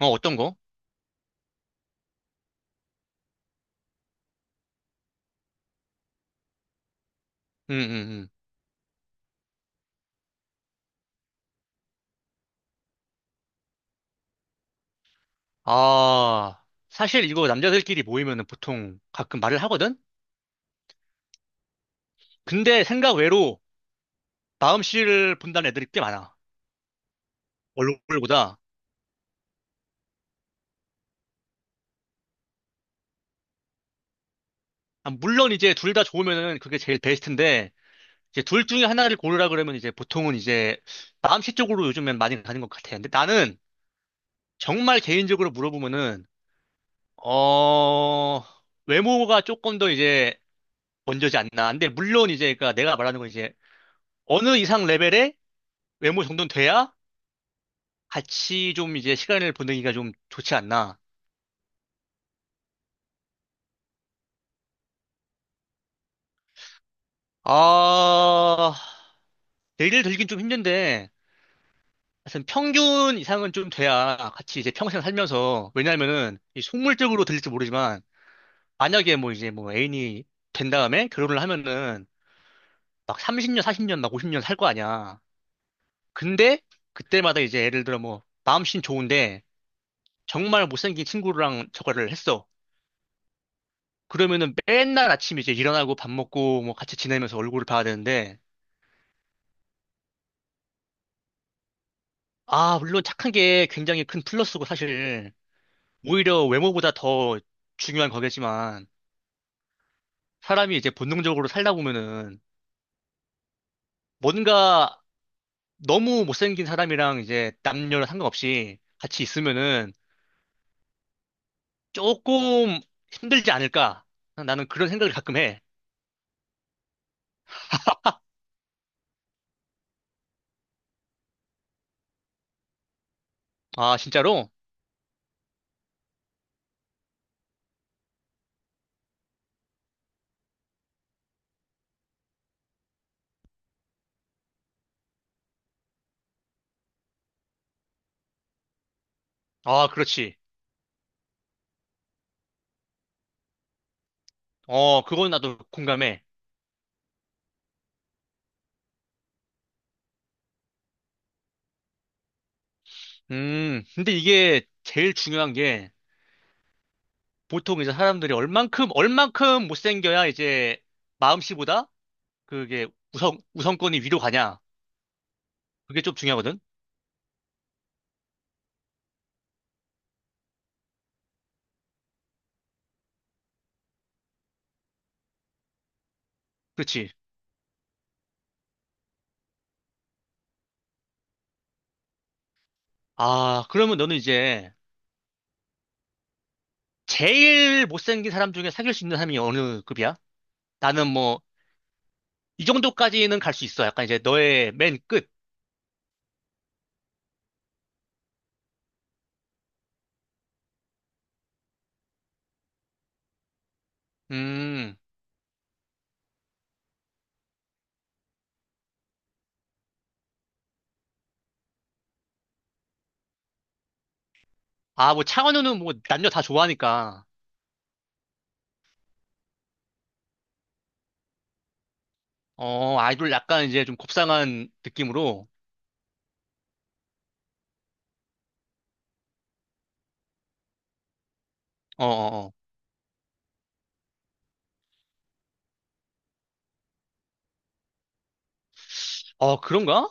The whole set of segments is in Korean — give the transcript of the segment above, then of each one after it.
어, 어떤 거? 응응응. 아, 사실 이거 남자들끼리 모이면은 보통 가끔 말을 하거든? 근데 생각 외로 마음씨를 본다는 애들이 꽤 많아. 얼굴보다. 아, 물론 이제 둘 다 좋으면은 그게 제일 베스트인데, 이제 둘 중에 하나를 고르라 그러면 이제 보통은 이제 마음씨 쪽으로 요즘엔 많이 가는 것 같아. 근데 나는 정말 개인적으로 물어보면은, 어, 외모가 조금 더 이제 먼저지 않나. 근데 물론 이제 그러니까 내가 말하는 건 이제 어느 이상 레벨의 외모 정도는 돼야 같이 좀 이제 시간을 보내기가 좀 좋지 않나. 아, 내일 들긴 좀 힘든데, 하여튼 평균 이상은 좀 돼야 같이 이제 평생 살면서, 왜냐면은, 이 속물적으로 들릴지 모르지만, 만약에 뭐 이제 뭐 애인이 된 다음에 결혼을 하면은, 막 30년, 40년, 막 50년 살 거 아니야. 근데, 그때마다 이제 예를 들어 뭐, 마음씨는 좋은데, 정말 못생긴 친구랑 저거를 했어. 그러면은 맨날 아침 이제 일어나고 밥 먹고 뭐 같이 지내면서 얼굴을 봐야 되는데, 아, 물론 착한 게 굉장히 큰 플러스고 사실 오히려 외모보다 더 중요한 거겠지만 사람이 이제 본능적으로 살다 보면은 뭔가 너무 못생긴 사람이랑 이제 남녀랑 상관없이 같이 있으면은 조금 힘들지 않을까? 나는 그런 생각을 가끔 해. 아, 진짜로? 아, 그렇지. 어, 그건 나도 공감해. 근데 이게 제일 중요한 게 보통 이제 사람들이 얼만큼 못생겨야 이제 마음씨보다 그게 우선권이 위로 가냐? 그게 좀 중요하거든? 그렇지. 아, 그러면 너는 이제 제일 못생긴 사람 중에 사귈 수 있는 사람이 어느 급이야? 나는 뭐, 이 정도까지는 갈 수 있어. 약간 이제 너의 맨 끝. 음. 아, 뭐 창원우는 뭐 남녀 다 좋아하니까. 어, 아이돌 약간 이제 좀 곱상한 느낌으로. 어, 어, 어. 어, 그런가?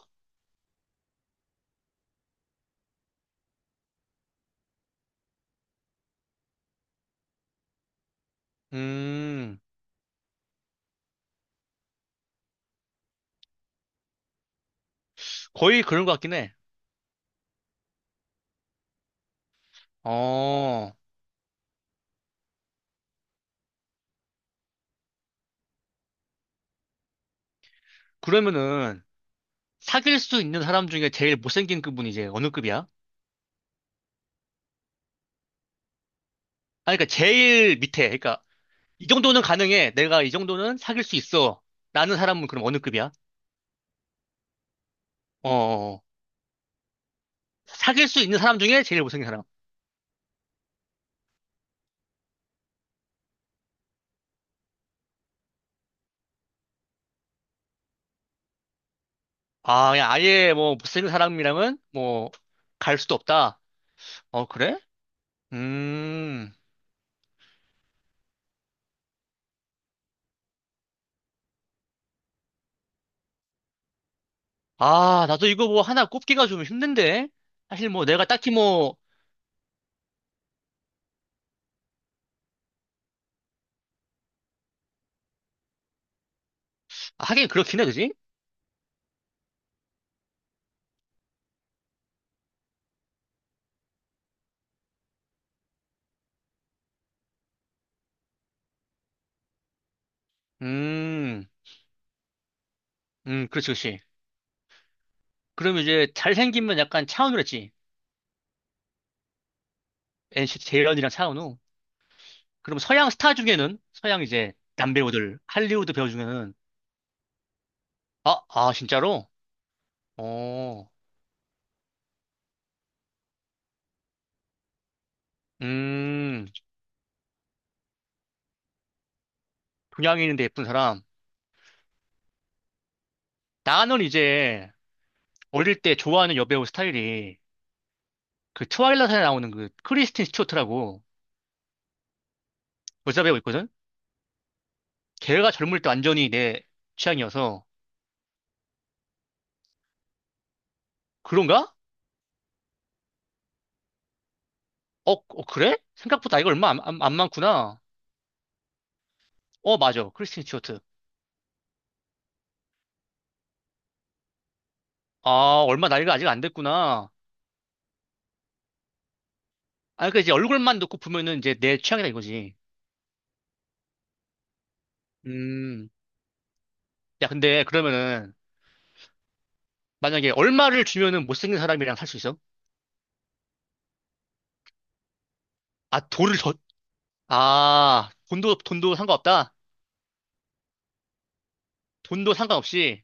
음, 거의 그런 것 같긴 해. 어, 그러면은 사귈 수 있는 사람 중에 제일 못생긴 그분이 이제 어느 급이야? 아니, 그러니까 제일 밑에. 그러니까 이 정도는 가능해. 내가 이 정도는 사귈 수 있어. 라는 사람은 그럼 어느 급이야? 어, 어. 어. 사귈 수 있는 사람 중에 제일 못생긴 사람. 아, 그냥 아예 뭐 못생긴 사람이랑은 뭐 갈 수도 없다. 어, 그래? 음. 아, 나도 이거 뭐 하나 꼽기가 좀 힘든데. 사실 뭐 내가 딱히 뭐 아, 하긴 그렇긴 해, 그지? 음. 그렇지, 그렇지. 그럼 이제 잘생기면 약간 차은우랬지. NCT 재현이랑 차은우. 그럼 서양 스타 중에는 서양 이제 남배우들 할리우드 배우 중에는 아, 진짜로? 어, 음, 동양인인데 예쁜 사람. 나는 이제 어릴 때 좋아하는 여배우 스타일이 그 트와일라이트에 나오는 그 크리스틴 스튜어트라고 여자 배우 있거든? 걔가 젊을 때 완전히 내 취향이어서 그런가? 어, 어, 그래? 생각보다 나이가 얼마 안 많구나. 어, 맞아. 크리스틴 스튜어트. 아, 얼마 나이가 아직 안 됐구나. 아, 그러니까 이제 얼굴만 놓고 보면은 이제 내 취향이다 이거지. 음. 야, 근데 그러면은 만약에 얼마를 주면은 못생긴 사람이랑 살 수 있어? 아, 돈을 더, 아, 돈도 상관없다? 돈도 상관없이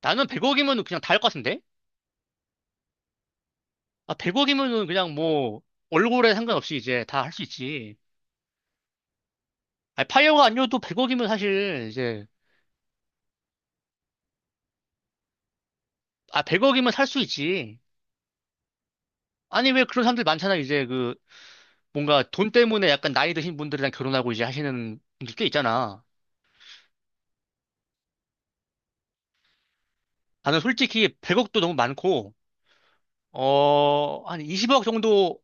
나는 100억이면은 그냥 다 할 것 같은데? 아, 100억이면은 그냥 뭐 얼굴에 상관없이 이제 다 할 수 있지. 아, 파이어가 아니어도 100억이면 사실 이제, 아, 100억이면 살 수 있지. 아니, 왜 그런 사람들 많잖아. 이제 그 뭔가 돈 때문에 약간 나이 드신 분들이랑 결혼하고 이제 하시는 분들 꽤 있잖아. 나는 솔직히 100억도 너무 많고, 어, 한 20억 정도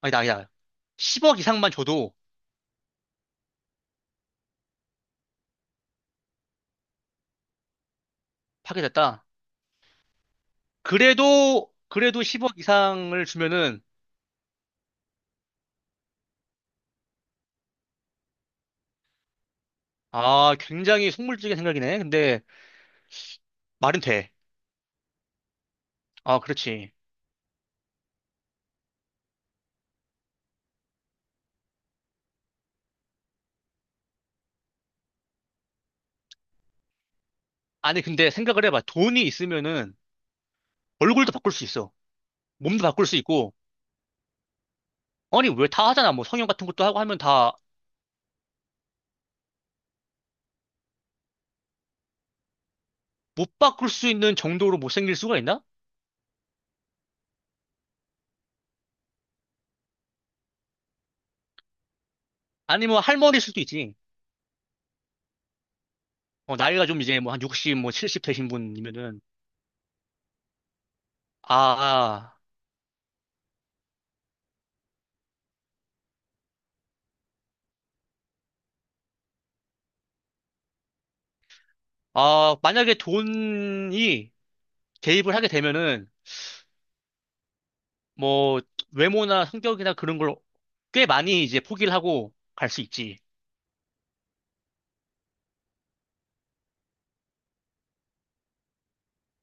아니다, 아니다. 10억 이상만 줘도 파괴됐다. 그래도, 10억 이상을 주면은, 아, 굉장히 속물적인 생각이네. 근데, 말은 돼. 아, 그렇지. 아니, 근데 생각을 해봐. 돈이 있으면은, 얼굴도 바꿀 수 있어. 몸도 바꿀 수 있고, 아니, 왜 다 하잖아. 뭐 성형 같은 것도 하고 하면 다, 못 바꿀 수 있는 정도로 못생길 수가 있나? 아니, 뭐 할머니일 수도 있지. 어, 나이가 좀 이제 뭐 한 60, 뭐 70 되신 분이면은, 아, 아, 만약에 돈이 개입을 하게 되면은, 뭐 외모나 성격이나 그런 걸 꽤 많이 이제 포기를 하고 갈 수 있지.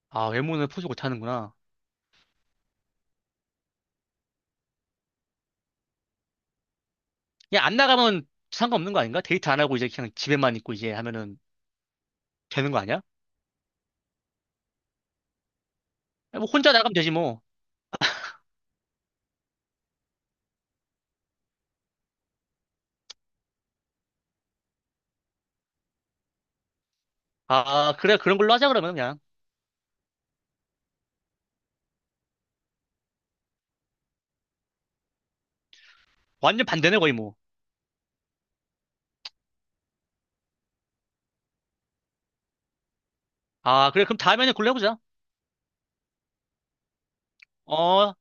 아, 외모는 포기 못 하는구나. 그냥 안 나가면 상관없는 거 아닌가? 데이트 안 하고 이제 그냥 집에만 있고 이제 하면은 되는 거 아니야? 뭐 혼자 나가면 되지 뭐. 아, 그래 그런 걸로 하자 그러면 그냥. 완전 반대네 거의 뭐. 아, 그래 그럼 다음에는 그걸로 해보자. 어.